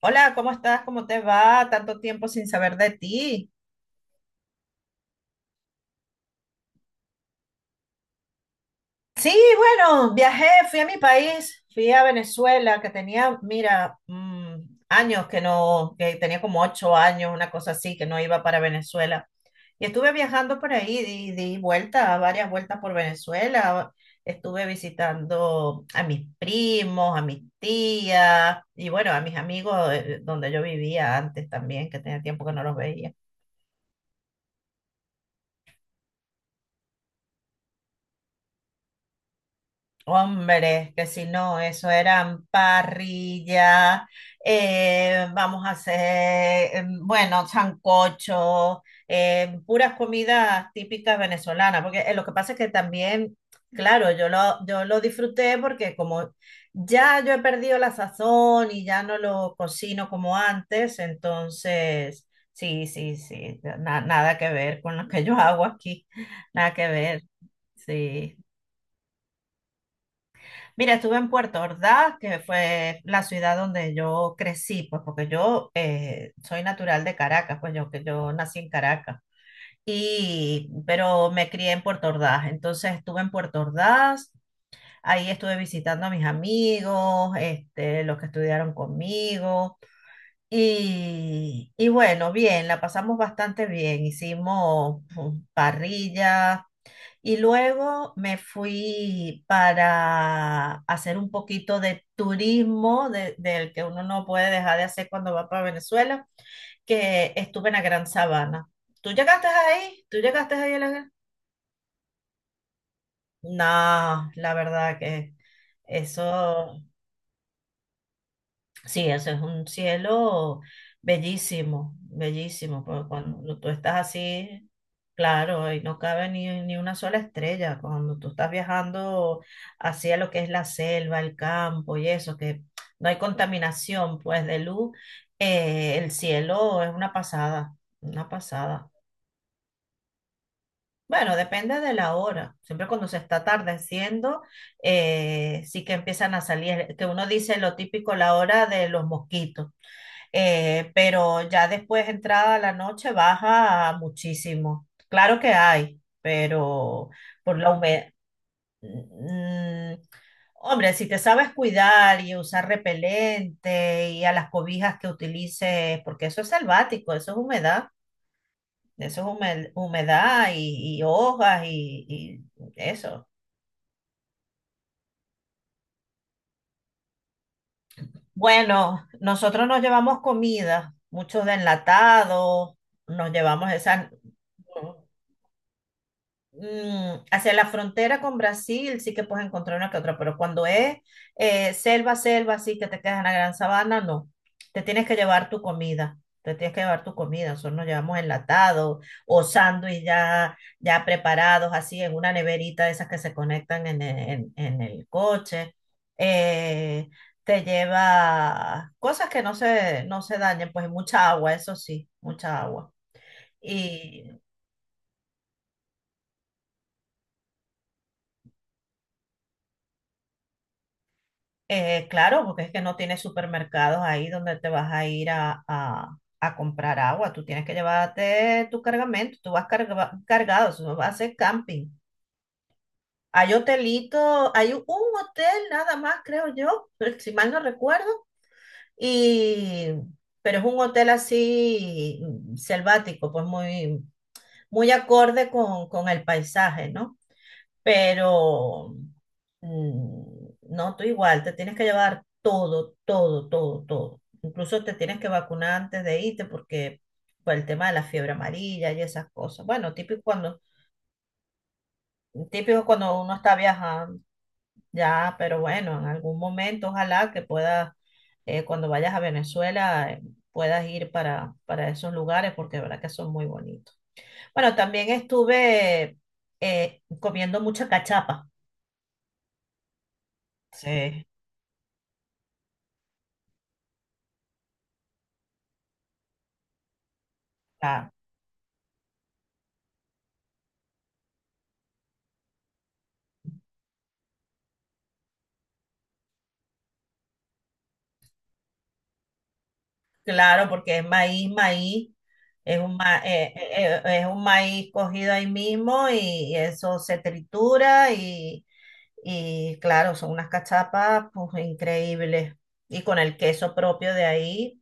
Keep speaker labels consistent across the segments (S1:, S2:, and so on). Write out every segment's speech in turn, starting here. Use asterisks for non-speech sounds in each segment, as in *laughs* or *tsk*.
S1: Hola, ¿cómo estás? ¿Cómo te va? Tanto tiempo sin saber de ti. Sí, bueno, viajé, fui a mi país, fui a Venezuela, que tenía, mira, años que no, que tenía como ocho años, una cosa así, que no iba para Venezuela. Y estuve viajando por ahí, di vueltas, varias vueltas por Venezuela. Estuve visitando a mis primos, a mis tías y bueno, a mis amigos donde yo vivía antes también, que tenía tiempo que no los veía. Hombre, que si no, eso eran parrillas, vamos a hacer, bueno, sancocho, puras comidas típicas venezolanas, porque lo que pasa es que también, claro, yo lo disfruté porque como ya yo he perdido la sazón y ya no lo cocino como antes, entonces, sí, sí, sí, nada que ver con lo que yo hago aquí, nada que ver, sí. Mira, estuve en Puerto Ordaz, que fue la ciudad donde yo crecí, pues porque yo soy natural de Caracas, pues yo, que yo nací en Caracas, y, pero me crié en Puerto Ordaz, entonces estuve en Puerto Ordaz, ahí estuve visitando a mis amigos, este, los que estudiaron conmigo, y bueno, bien, la pasamos bastante bien, hicimos parrillas, y luego me fui para hacer un poquito de turismo del que uno no puede dejar de hacer cuando va para Venezuela, que estuve en la Gran Sabana. ¿Tú llegaste ahí? ¿Tú llegaste ahí a la Gran? No, la verdad que eso. Sí, eso es un cielo bellísimo, bellísimo, porque cuando tú estás así, claro, ahí no cabe ni una sola estrella, cuando tú estás viajando hacia lo que es la selva, el campo y eso, que no hay contaminación, pues de luz, el cielo es una pasada, una pasada. Bueno, depende de la hora. Siempre cuando se está atardeciendo, sí que empiezan a salir, que uno dice lo típico, la hora de los mosquitos. Pero ya después, entrada la noche, baja muchísimo. Claro que hay, pero por la humedad. Mm, mm, hombre, si te sabes cuidar y usar repelente y a las cobijas que utilices, porque eso es selvático, eso es humedad, eso es humedad y hojas y eso. Bueno, nosotros nos llevamos comida, muchos de enlatados, nos llevamos esa. Hacia la frontera con Brasil sí que puedes encontrar una que otra, pero cuando es selva, selva, así que te quedas en la Gran Sabana, no. Te tienes que llevar tu comida. Te tienes que llevar tu comida. Nosotros nos llevamos enlatado o sándwich ya, ya preparados, así en una neverita de esas que se conectan en, en el coche. Eh, Te lleva cosas que no se dañen, pues mucha agua, eso sí, mucha agua. Claro, porque es que no tienes supermercados ahí donde te vas a ir a, a comprar agua. Tú tienes que llevarte tu cargamento, tú vas cargado, eso no va a ser camping. Hay hotelito, hay un hotel nada más, creo yo, *laughs* si mal no recuerdo, y, pero es un hotel así selvático, pues muy, muy acorde con el paisaje, ¿no? Pero no, tú igual, te tienes que llevar todo, todo, todo, todo. Incluso te tienes que vacunar antes de irte porque por el tema de la fiebre amarilla y esas cosas. Bueno, típico cuando uno está viajando, ya, pero bueno, en algún momento ojalá que puedas, cuando vayas a Venezuela, puedas ir para esos lugares porque de verdad que son muy bonitos. Bueno, también estuve comiendo mucha cachapa. Sí, claro. Claro, porque es maíz, maíz, es un, es un maíz cogido ahí mismo y, eso se tritura y claro, son unas cachapas pues increíbles. Y con el queso propio de ahí.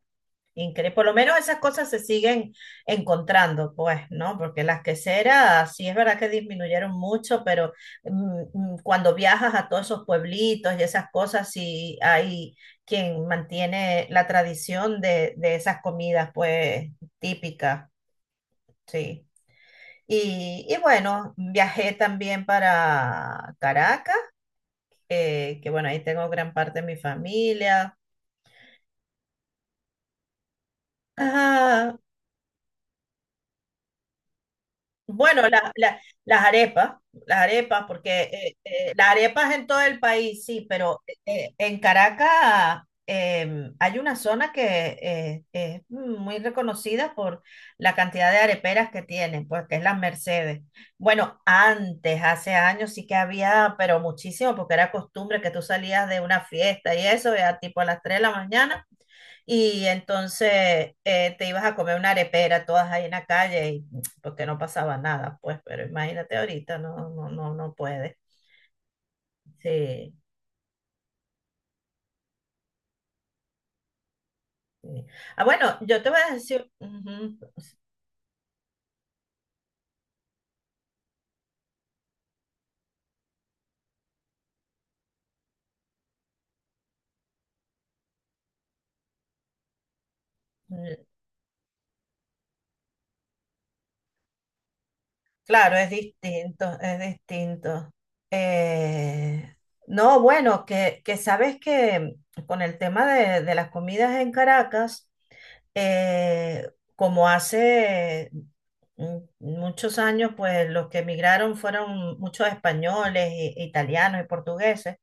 S1: Increíble. Por lo menos esas cosas se siguen encontrando, pues, ¿no? Porque las queseras sí es verdad que disminuyeron mucho, pero mm, cuando viajas a todos esos pueblitos y esas cosas, sí hay quien mantiene la tradición de esas comidas, pues, típicas, sí. Y bueno, viajé también para Caracas, que bueno, ahí tengo gran parte de mi familia. *laughs* Bueno, las arepas, porque las arepas en todo el país, sí, pero en Caracas hay una zona que es muy reconocida por la cantidad de areperas que tienen, pues que es las Mercedes. Bueno, antes, hace años sí que había, pero muchísimo, porque era costumbre que tú salías de una fiesta y eso, ya tipo a las 3 de la mañana. Y entonces te ibas a comer una arepera todas ahí en la calle y *tsk* porque no pasaba nada, pues, pero imagínate ahorita, no, no, no, no puede. Sí. Sí. Ah, bueno, yo te voy a decir, ujú, pues, mm, claro, es distinto, es distinto. Eh, no, bueno, que sabes que con el tema de las comidas en Caracas, eh, como hace muchos años, pues los que emigraron fueron muchos españoles, italianos y portugueses.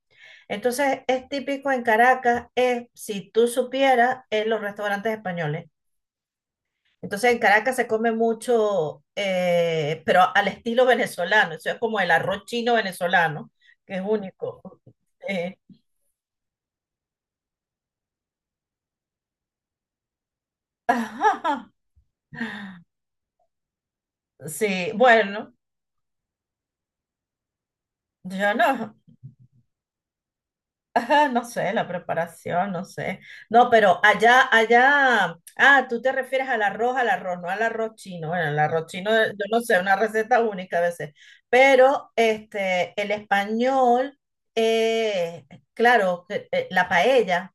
S1: Entonces, es típico en Caracas, es, si tú supieras, en los restaurantes españoles. Entonces, en Caracas se come mucho, pero al estilo venezolano. Eso es como el arroz chino venezolano, que es único. Eh, *laughs* Sí, bueno, yo no. Ajá, no sé, la preparación, no sé. No, pero allá, allá, ah, tú te refieres al arroz, no al arroz chino. Bueno, el arroz chino, yo no sé, una receta única a veces. Pero este, el español, eh, claro, la paella,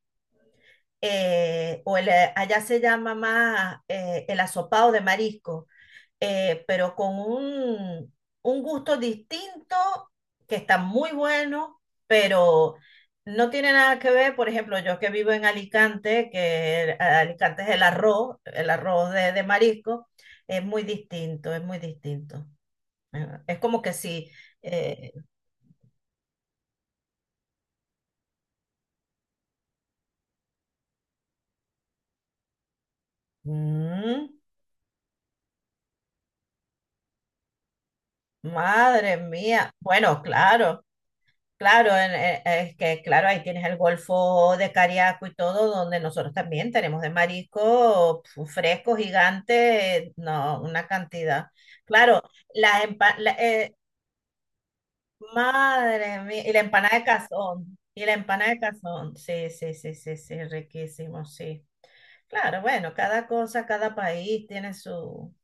S1: o el, allá se llama más el asopado de marisco. Pero con un gusto distinto que está muy bueno, pero no tiene nada que ver, por ejemplo, yo que vivo en Alicante, que Alicante es el arroz de marisco, es muy distinto, es muy distinto. Es como que si, eh, mm, madre mía, bueno, claro. Claro, es que claro, ahí tienes el Golfo de Cariaco y todo, donde nosotros también tenemos de marisco pf, fresco, gigante, no, una cantidad. Claro, las empa- la- eh, madre mía, y la empanada de cazón, y la empanada de cazón, sí, sí, sí, sí, sí, riquísimo, sí. Claro, bueno, cada cosa, cada país tiene su,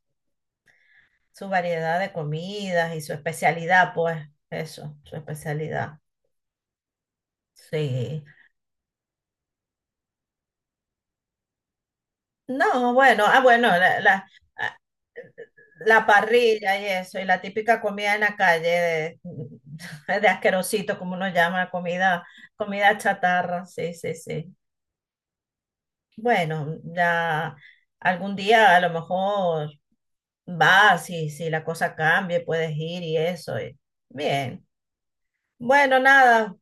S1: su variedad de comidas y su especialidad, pues, eso, su especialidad. Sí. No, bueno, ah, bueno, la, ah, la parrilla y eso, y la típica comida en la calle de, *laughs* de asquerosito, como uno llama, comida, comida chatarra, sí, sí, sí. Bueno, ya algún día a lo mejor vas y si la cosa cambia, puedes ir y eso. Bien. Bueno, nada,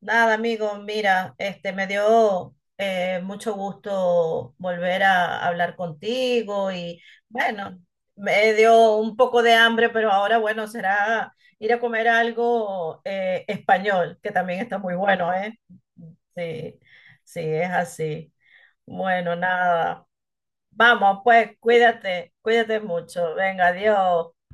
S1: nada, amigo. Mira, este me dio mucho gusto volver a hablar contigo y bueno, me dio un poco de hambre, pero ahora bueno, será ir a comer algo español, que también está muy bueno, ¿eh? Sí, sí, es así. Bueno, nada. Vamos, pues, cuídate, cuídate mucho. Venga, adiós.